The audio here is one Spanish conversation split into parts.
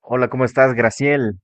Hola, ¿cómo estás, Graciel?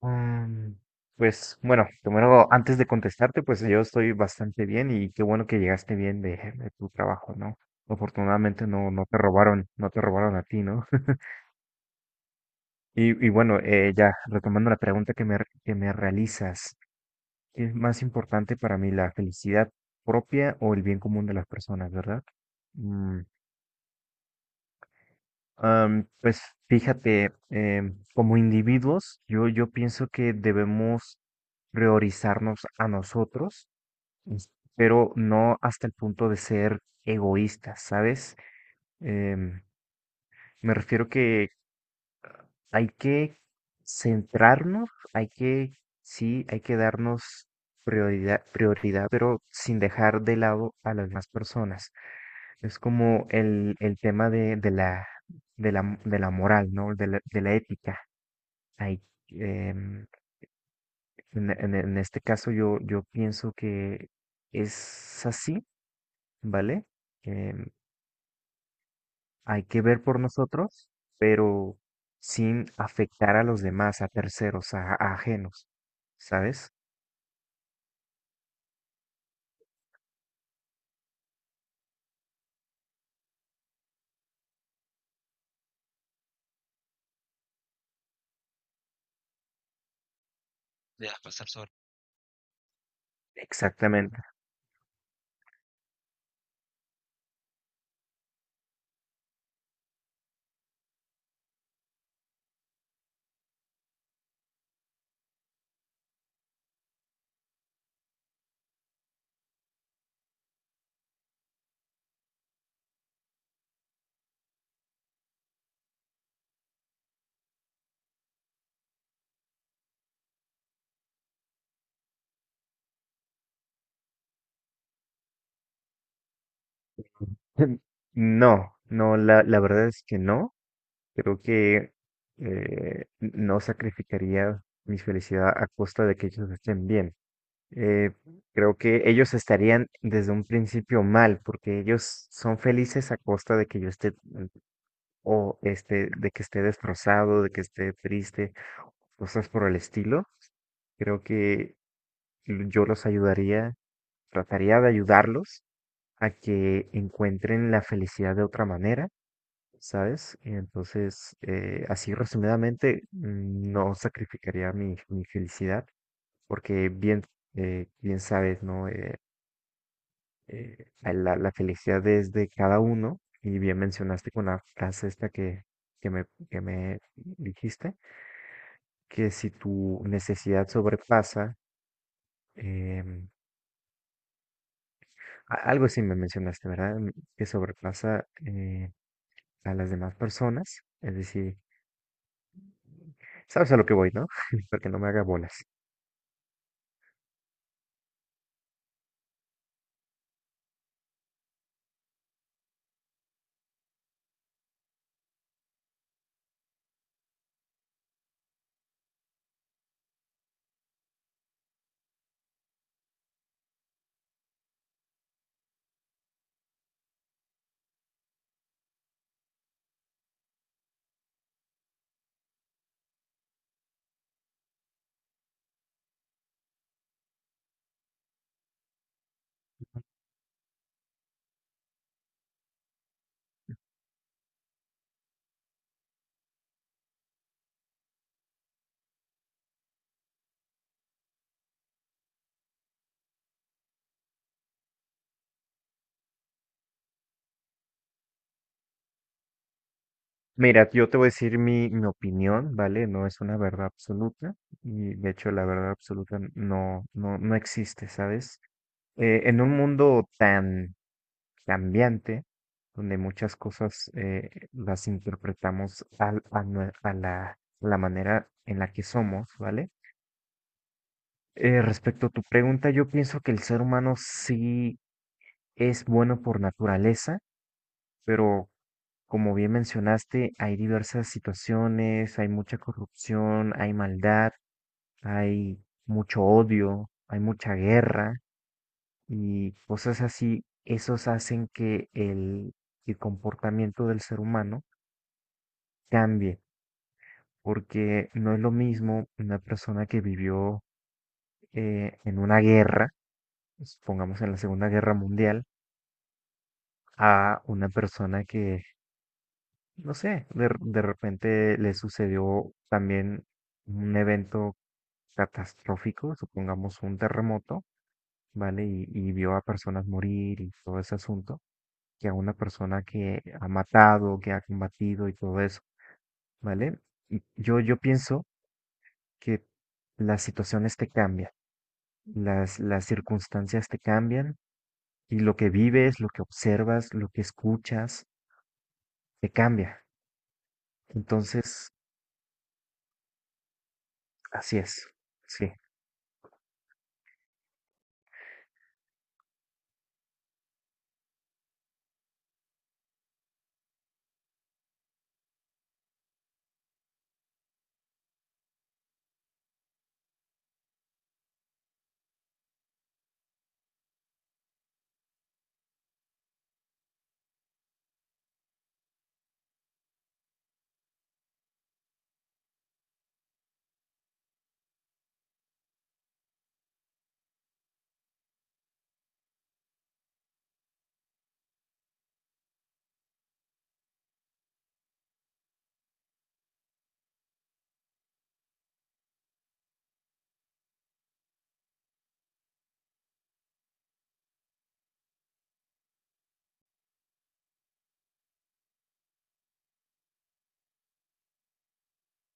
Mm, pues bueno, primero, antes de contestarte, pues yo estoy bastante bien y qué bueno que llegaste bien de tu trabajo, ¿no? Afortunadamente no te robaron, no te robaron a ti, ¿no? Y bueno, ya retomando la pregunta que me realizas, ¿qué es más importante para mí, la felicidad propia o el bien común de las personas, verdad? Mm, pues fíjate, como individuos, yo pienso que debemos priorizarnos a nosotros, es- pero no hasta el punto de ser egoístas, ¿sabes? Em, me refiero que hay que centrarnos, hay que, sí, hay que darnos prioridad, pero sin dejar de lado a las demás personas. Es como el tema de la moral, ¿no? De la ética. Hay, em, en- En este caso yo pienso que es así, ¿vale? Em, hay que ver por nosotros, pero sin afectar a los demás, a terceros, a ajenos, ¿sabes? Exactamente. No, no, La verdad es que no. Creo que no sacrificaría mi felicidad a costa de que ellos estén bien. Eh, Creo que ellos estarían desde un principio mal, porque ellos son felices a costa de que yo esté o este, de que esté destrozado, de que esté triste, cosas por el estilo. Creo que yo los ayudaría, trataría de ayudarlos a que encuentren la felicidad de otra manera, ¿sabes? Y entonces, así resumidamente, no sacrificaría mi felicidad, porque bien, bien sabes, ¿no? La felicidad es de cada uno, y bien mencionaste con la frase esta que me dijiste que si tu necesidad sobrepasa, em, algo sí me mencionaste, ¿verdad? Que sobrepasa a las demás personas, es decir, sabes a lo que voy, ¿no? Para que no me haga bolas. Mira, yo te voy a decir mi opinión, ¿vale? No es una verdad absoluta y de hecho la verdad absoluta no existe, ¿sabes? En un mundo tan cambiante, donde muchas cosas las interpretamos al- a, nue- a la, la manera en la que somos, ¿vale? Respecto a tu pregunta, yo pienso que el ser humano sí es bueno por naturaleza, pero como bien mencionaste, hay diversas situaciones, hay mucha corrupción, hay maldad, hay mucho odio, hay mucha guerra y cosas así. Esos hacen que el comportamiento del ser humano cambie, porque no es lo mismo una persona que vivió en una guerra, supongamos en la Segunda Guerra Mundial, a una persona que, no sé, de repente le sucedió también un evento catastrófico, supongamos un terremoto, ¿vale? Y vio a personas morir y todo ese asunto, que a una persona que ha matado, que ha combatido y todo eso, ¿vale? Yo pienso que las situaciones te cambian, las circunstancias te cambian y lo que vives, lo que observas, lo que escuchas, te cambia. Entonces, así es, sí.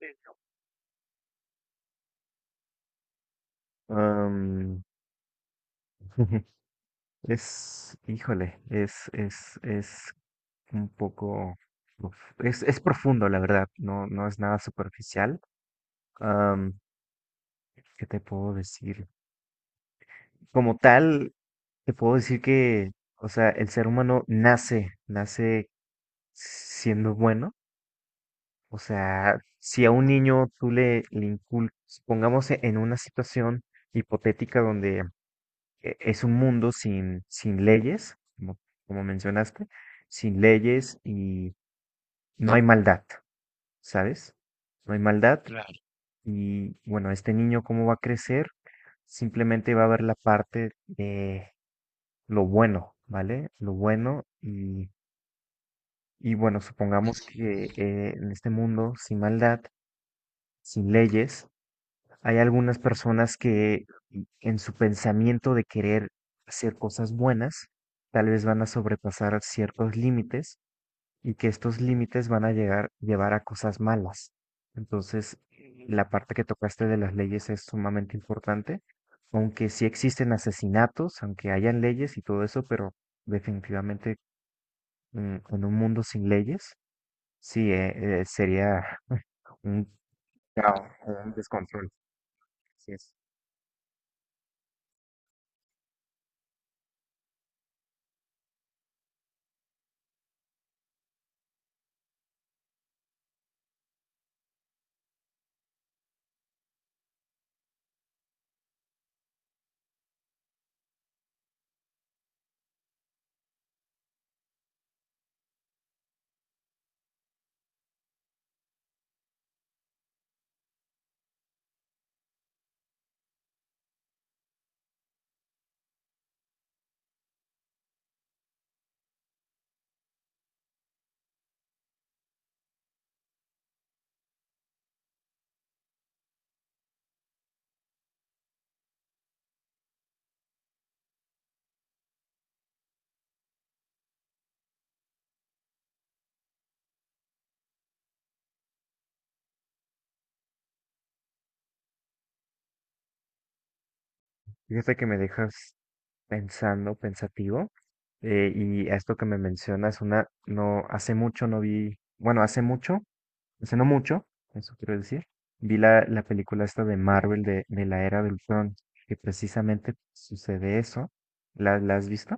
Sí. Am, Híjole, es un poco, uf, es profundo, la verdad, no es nada superficial. Am, ¿Qué te puedo decir? Como tal, te puedo decir que, o sea, el ser humano nace siendo bueno. O sea, si a un niño tú le inculcas, pongamos en una situación hipotética donde es un mundo sin leyes, como, como mencionaste, sin leyes y no hay maldad, ¿sabes? No hay maldad y bueno, este niño cómo va a crecer, simplemente va a ver la parte de lo bueno, ¿vale? Lo bueno y bueno, supongamos que en este mundo sin maldad, sin leyes, hay algunas personas que en su pensamiento de querer hacer cosas buenas, tal vez van a sobrepasar ciertos límites y que estos límites van a llevar a cosas malas. Entonces, la parte que tocaste de las leyes es sumamente importante, aunque sí existen asesinatos, aunque hayan leyes y todo eso, pero definitivamente, en un mundo sin leyes, sí, sería un caos, un descontrol. Así es. Fíjate que me dejas pensando, pensativo. Y esto que me mencionas, una, no, hace mucho no vi, bueno, hace mucho, hace no mucho, eso quiero decir, vi la película esta de Marvel de la era del Ultron, que precisamente sucede eso. La has visto?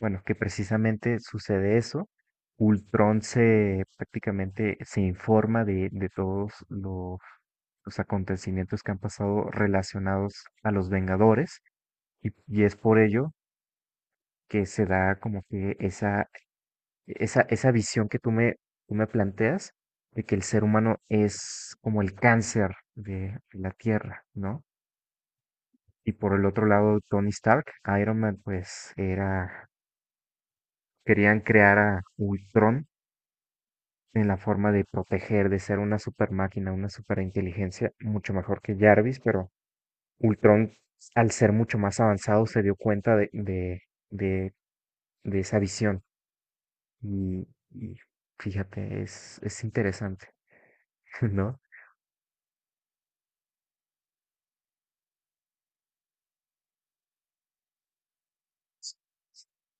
Bueno, que precisamente sucede eso. Ultron se prácticamente se informa de todos los acontecimientos que han pasado relacionados a los Vengadores y es por ello que se da como que esa visión tú me planteas de que el ser humano es como el cáncer de la Tierra, ¿no? Y por el otro lado, Tony Stark, Iron Man, pues era, querían crear a Ultron en la forma de proteger, de ser una super máquina, una super inteligencia, mucho mejor que Jarvis, pero Ultron, al ser mucho más avanzado, se dio cuenta de de esa visión. Y fíjate, es interesante, ¿no?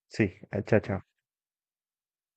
Sí, ah, chao, chao.